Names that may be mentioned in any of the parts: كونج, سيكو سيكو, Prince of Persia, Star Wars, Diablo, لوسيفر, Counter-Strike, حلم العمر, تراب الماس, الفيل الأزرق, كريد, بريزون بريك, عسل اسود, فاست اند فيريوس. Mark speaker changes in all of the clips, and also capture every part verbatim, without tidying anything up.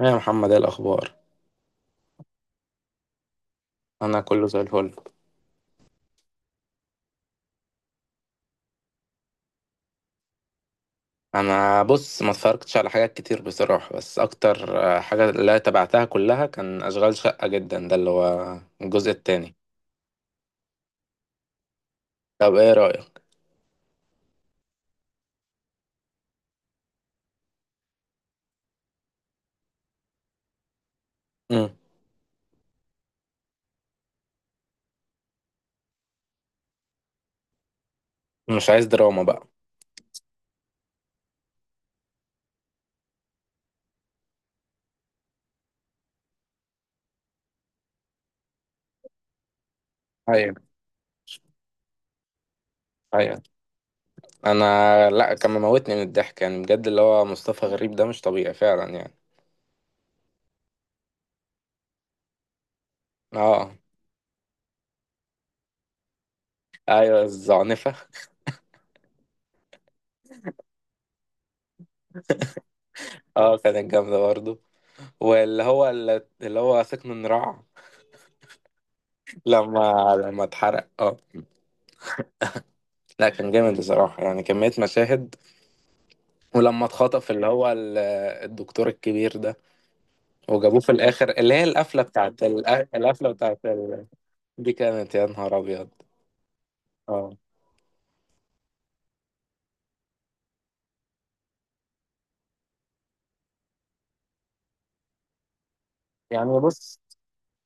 Speaker 1: إيه يا محمد، ايه الاخبار؟ انا كله زي الفل. انا بص، ما اتفرجتش على حاجات كتير بصراحه، بس اكتر آه، حاجه اللي تبعتها كلها كان اشغال شقه، جدا ده اللي هو الجزء التاني. طب ايه رايك؟ مم. مش عايز دراما بقى. ايوه، ايوه. انا لا، كان مموتني من الضحك يعني، بجد اللي هو مصطفى غريب ده مش طبيعي فعلا يعني. اه، ايوه الزعنفه. اه كانت جامده برضه. واللي هو اللي هو سكن النراع، لما لما اتحرق. اه لا كان جامد بصراحة، يعني كمية مشاهد. ولما اتخطف اللي هو ال- الدكتور الكبير ده، وجابوه في الآخر اللي هي القفلة بتاعت ال- آه، القفلة بتاعت ال... دي كانت يا نهار أبيض. اه. يعني بص،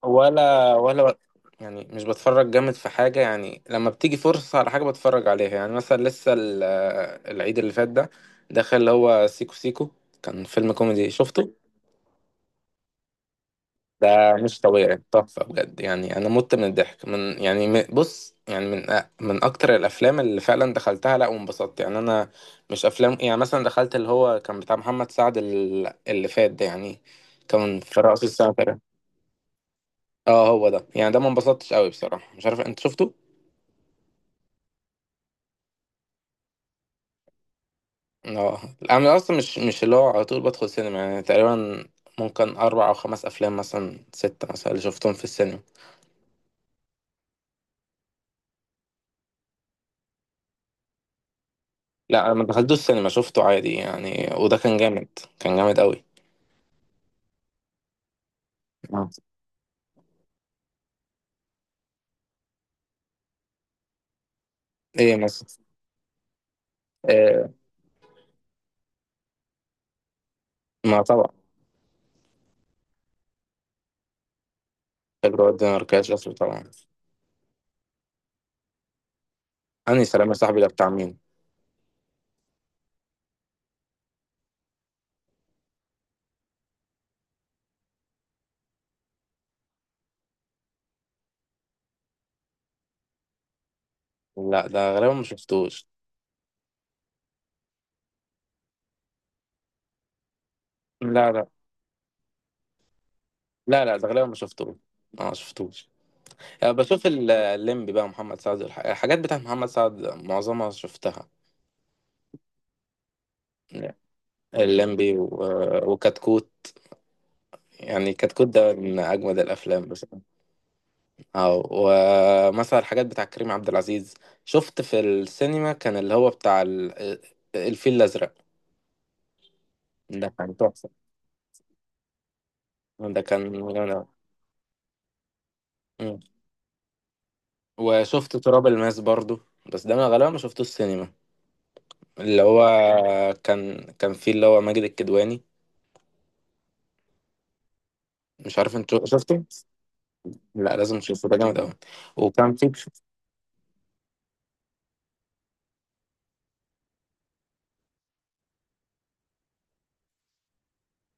Speaker 1: ولا ولا يعني مش بتفرج جامد في حاجة، يعني لما بتيجي فرصة على حاجة بتفرج عليها. يعني مثلا لسه ال- آه، العيد اللي فات ده دخل اللي هو سيكو سيكو، كان فيلم كوميدي، شفته؟ ده مش طبيعي، تحفة بجد يعني. أنا مت من الضحك من يعني م- بص يعني من أ- من أكتر الأفلام اللي فعلا دخلتها لأ وانبسطت يعني. أنا مش أفلام يعني، مثلا دخلت اللي هو كان بتاع محمد سعد ال- اللي فات ده يعني، كان في رأس السنة تقريبا. اه هو ده، يعني ده ما انبسطتش قوي بصراحة، مش عارف أنت شفته؟ اه. أنا أصلا مش مش اللي هو على طول بدخل سينما، يعني تقريبا ممكن أربع أو خمس أفلام، مثلا ستة مثلا اللي شفتهم في السينما. لا أنا ما دخلتوش السينما، شفته عادي يعني، وده كان جامد. كان جامد قوي. آه. إيه مثلا؟ آه. ما طبعا. الواد ده ما ركبش أصله طبعا. أنهي سلام يا صاحبي ده بتاع مين؟ لا ده غالبا ما شفتوش. لا لا. لا لا، ده غالبا ما شفتوش. اه ما شفتوش. آه، بشوف ال- الليمبي بقى محمد سعد والح- الحاجات بتاعت محمد سعد، معظمها شفتها. الليمبي و- وكتكوت، يعني كتكوت ده من أجمد الأفلام بصراحة. اه. ومثلا الحاجات بتاع كريم عبد العزيز، شفت في السينما كان اللي هو بتاع ال- الفيل الأزرق. ده كان تحفة. ده كان جامد أوي. مم. وشفت تراب الماس برضو، بس ده انا غالبا ما شفتوش السينما. اللي هو كان كان فيه اللي هو ماجد الكدواني، مش عارف انت شو- شفته. لا لازم تشوفه، ده جامد قوي. وكان فيه.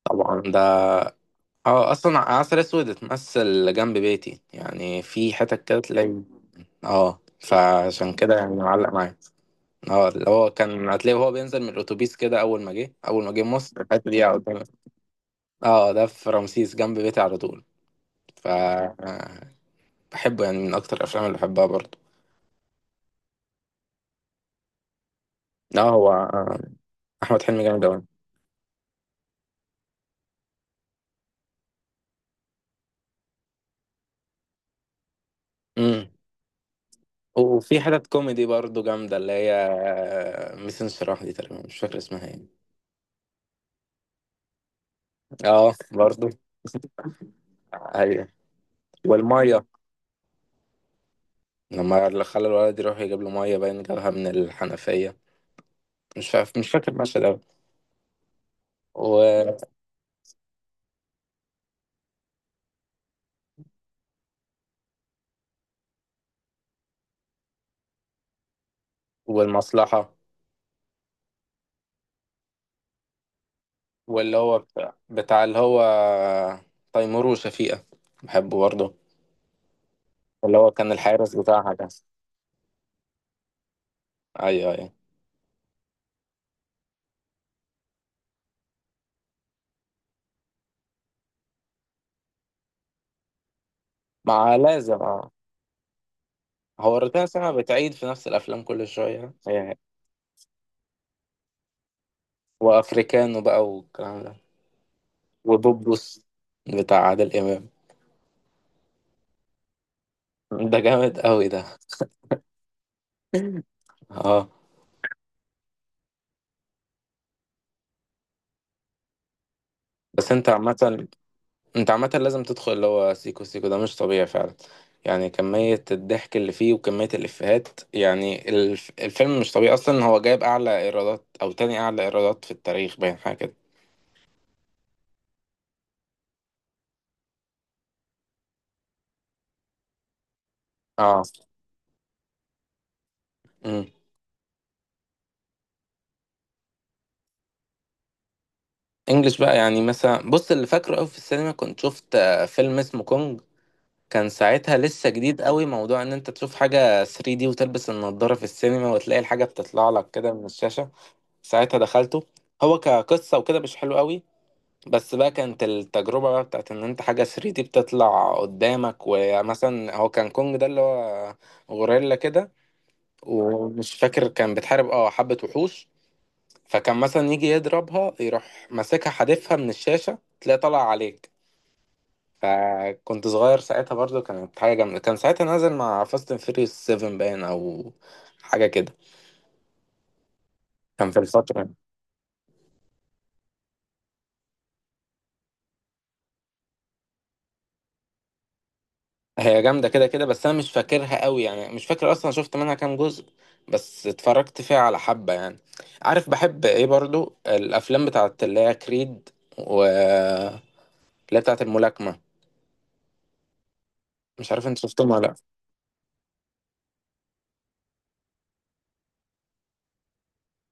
Speaker 1: طبعا ده. اه اصلا عسل اسود اتمثل جنب بيتي، يعني في حتت كده تلاقي. اه، فعشان كده يعني معلق معايا. اه اللي هو كان هتلاقيه وهو بينزل من الاتوبيس كده، اول ما جه اول ما جه مصر، الحته دي قدامي. اه ده في رمسيس جنب بيتي على طول. ف آه، بحبه، يعني من اكتر الافلام اللي بحبها برضه. لا هو آه، احمد حلمي جامد اوي. امم. وفي حتت كوميدي برضه جامده اللي هي آه، ميس انشراح دي، تقريبا مش فاكر اسمها ايه. اه برضه. ايوه. والميه لما اللي خلى الولد يروح يجيب له ميه، باين جابها من الحنفيه. مش فاكر مش فاكر المشهد اوي. و... والمصلحه. واللي هو بتاع, بتاع اللي هو آه، تيمور وشفيقه، بحبه برضه. اللي هو كان الحارس بتاعها ده. ايوه، ايوه. مع لازم اه. هو الروتانا ساعة بتعيد في نفس الأفلام كل شوية يعني. وأفريكانو بقى والكلام ده، وبوبوس بتاع عادل إمام. ده جامد قوي ده. اه. بس انت عامة، انت عامة لازم تدخل اللي هو سيكو سيكو، ده مش طبيعي فعلا. يعني كمية الضحك اللي فيه وكمية الإفيهات، يعني الف... الفيلم مش طبيعي أصلا، هو جايب أعلى إيرادات أو تاني أعلى إيرادات في التاريخ باين، حاجة كده. اه. امم. انجلش بقى، يعني مثلا بص اللي فاكره قوي في السينما كنت شفت آه، فيلم اسمه كونج. كان ساعتها لسه جديد قوي، موضوع ان انت تشوف حاجة ثري دي وتلبس النضارة في السينما وتلاقي الحاجة بتطلع لك كده من الشاشة. ساعتها دخلته. هو كقصة وكده مش حلو قوي، بس بقى كانت التجربة بقى بتاعت ان انت حاجة ثري دي بتطلع قدامك. ومثلا هو كان كونج ده اللي هو غوريلا كده، ومش فاكر كان بتحارب اه حبة وحوش. فكان مثلا يجي يضربها، يروح ماسكها حادفها من الشاشة، تلاقي طلع عليك. فكنت صغير ساعتها برضو، كانت حاجة جامدة. كان ساعتها نازل مع فاست اند فيريوس سفن باين، أو حاجة كده. كان في الفترة. هي جامدة كده كده بس، أنا مش فاكرها قوي يعني، مش فاكر أصلا شفت منها كام جزء، بس اتفرجت فيها على حبة يعني. عارف بحب إيه برضو؟ الأفلام بتاعت اللي هي كريد و اللي هي بتاعت الملاكمة، مش عارف انت شفتهم ولا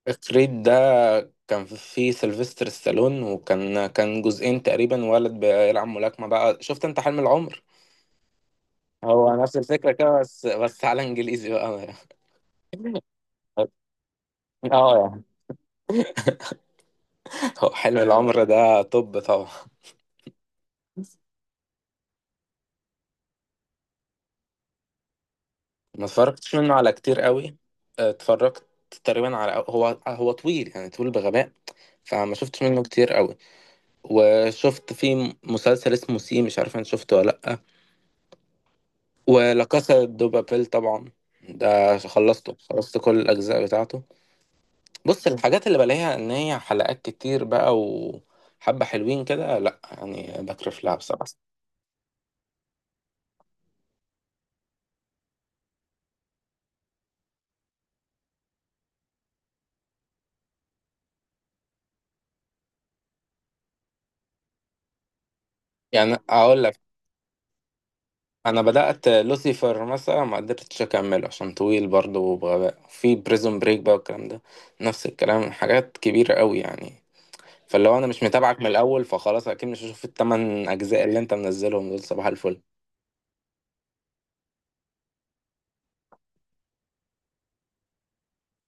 Speaker 1: لأ. كريد ده كان فيه سيلفستر ستالون، وكان كان جزئين تقريبا، ولد بيلعب ملاكمة بقى، شفت انت حلم العمر؟ هو نفس الفكرة كده، بس بس على انجليزي بقى. اه يعني. هو حلم العمر ده طب طبعا. ما اتفرجتش منه على كتير قوي. اتفرجت تقريبا على هو هو طويل يعني، طويل بغباء، فما شفتش منه كتير قوي. وشفت في مسلسل اسمه سي، مش عارف انت شفته ولا لأ. ولا كاسا دو بابيل طبعا، ده خلصته، خلصت كل الأجزاء بتاعته. بص الحاجات اللي بلاقيها إن هي حلقات كتير بقى وحبة حلوين كده، لأ يعني بكرف لها بصراحة. يعني اقول لك انا بدات لوسيفر مثلا، ما قدرتش اكمله عشان طويل برضه وبغباء. في بريزون بريك بقى والكلام ده، نفس الكلام حاجات كبيره قوي يعني. فلو انا مش متابعك من الاول، فخلاص اكيد مش هشوف الثمان اجزاء اللي انت منزلهم دول صباح الفل.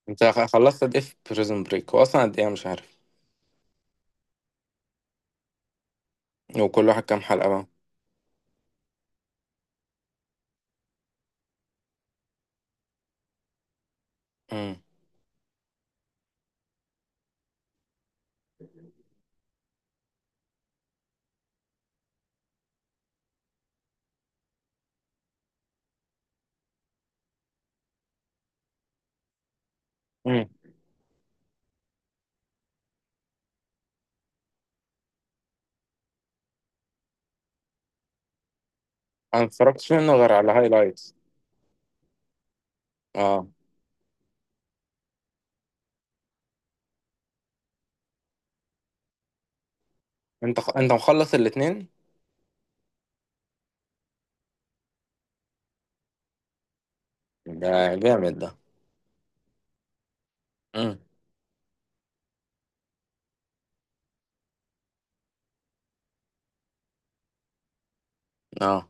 Speaker 1: انت خ- خلصت قد ايه في بريزون بريك؟ واصلا قد ايه أنا مش عارف. وكل واحد كام حلقه بقى؟ امم. امم. انا متفرجتش منه غير على هايلايتس. اه. انت خ... انت مخلص الاثنين؟ ده جامد ده. امم. اه.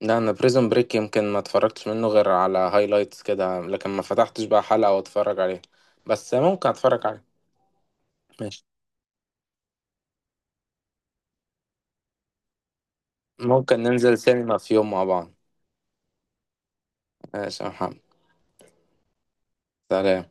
Speaker 1: لا انا بريزون بريك يمكن ما اتفرجتش منه غير على هايلايتس كده، لكن ما فتحتش بقى حلقة واتفرج عليه، بس ممكن اتفرج عليه. ماشي. ممكن ننزل سينما في يوم مع بعض. ماشي يا محمد. سلام.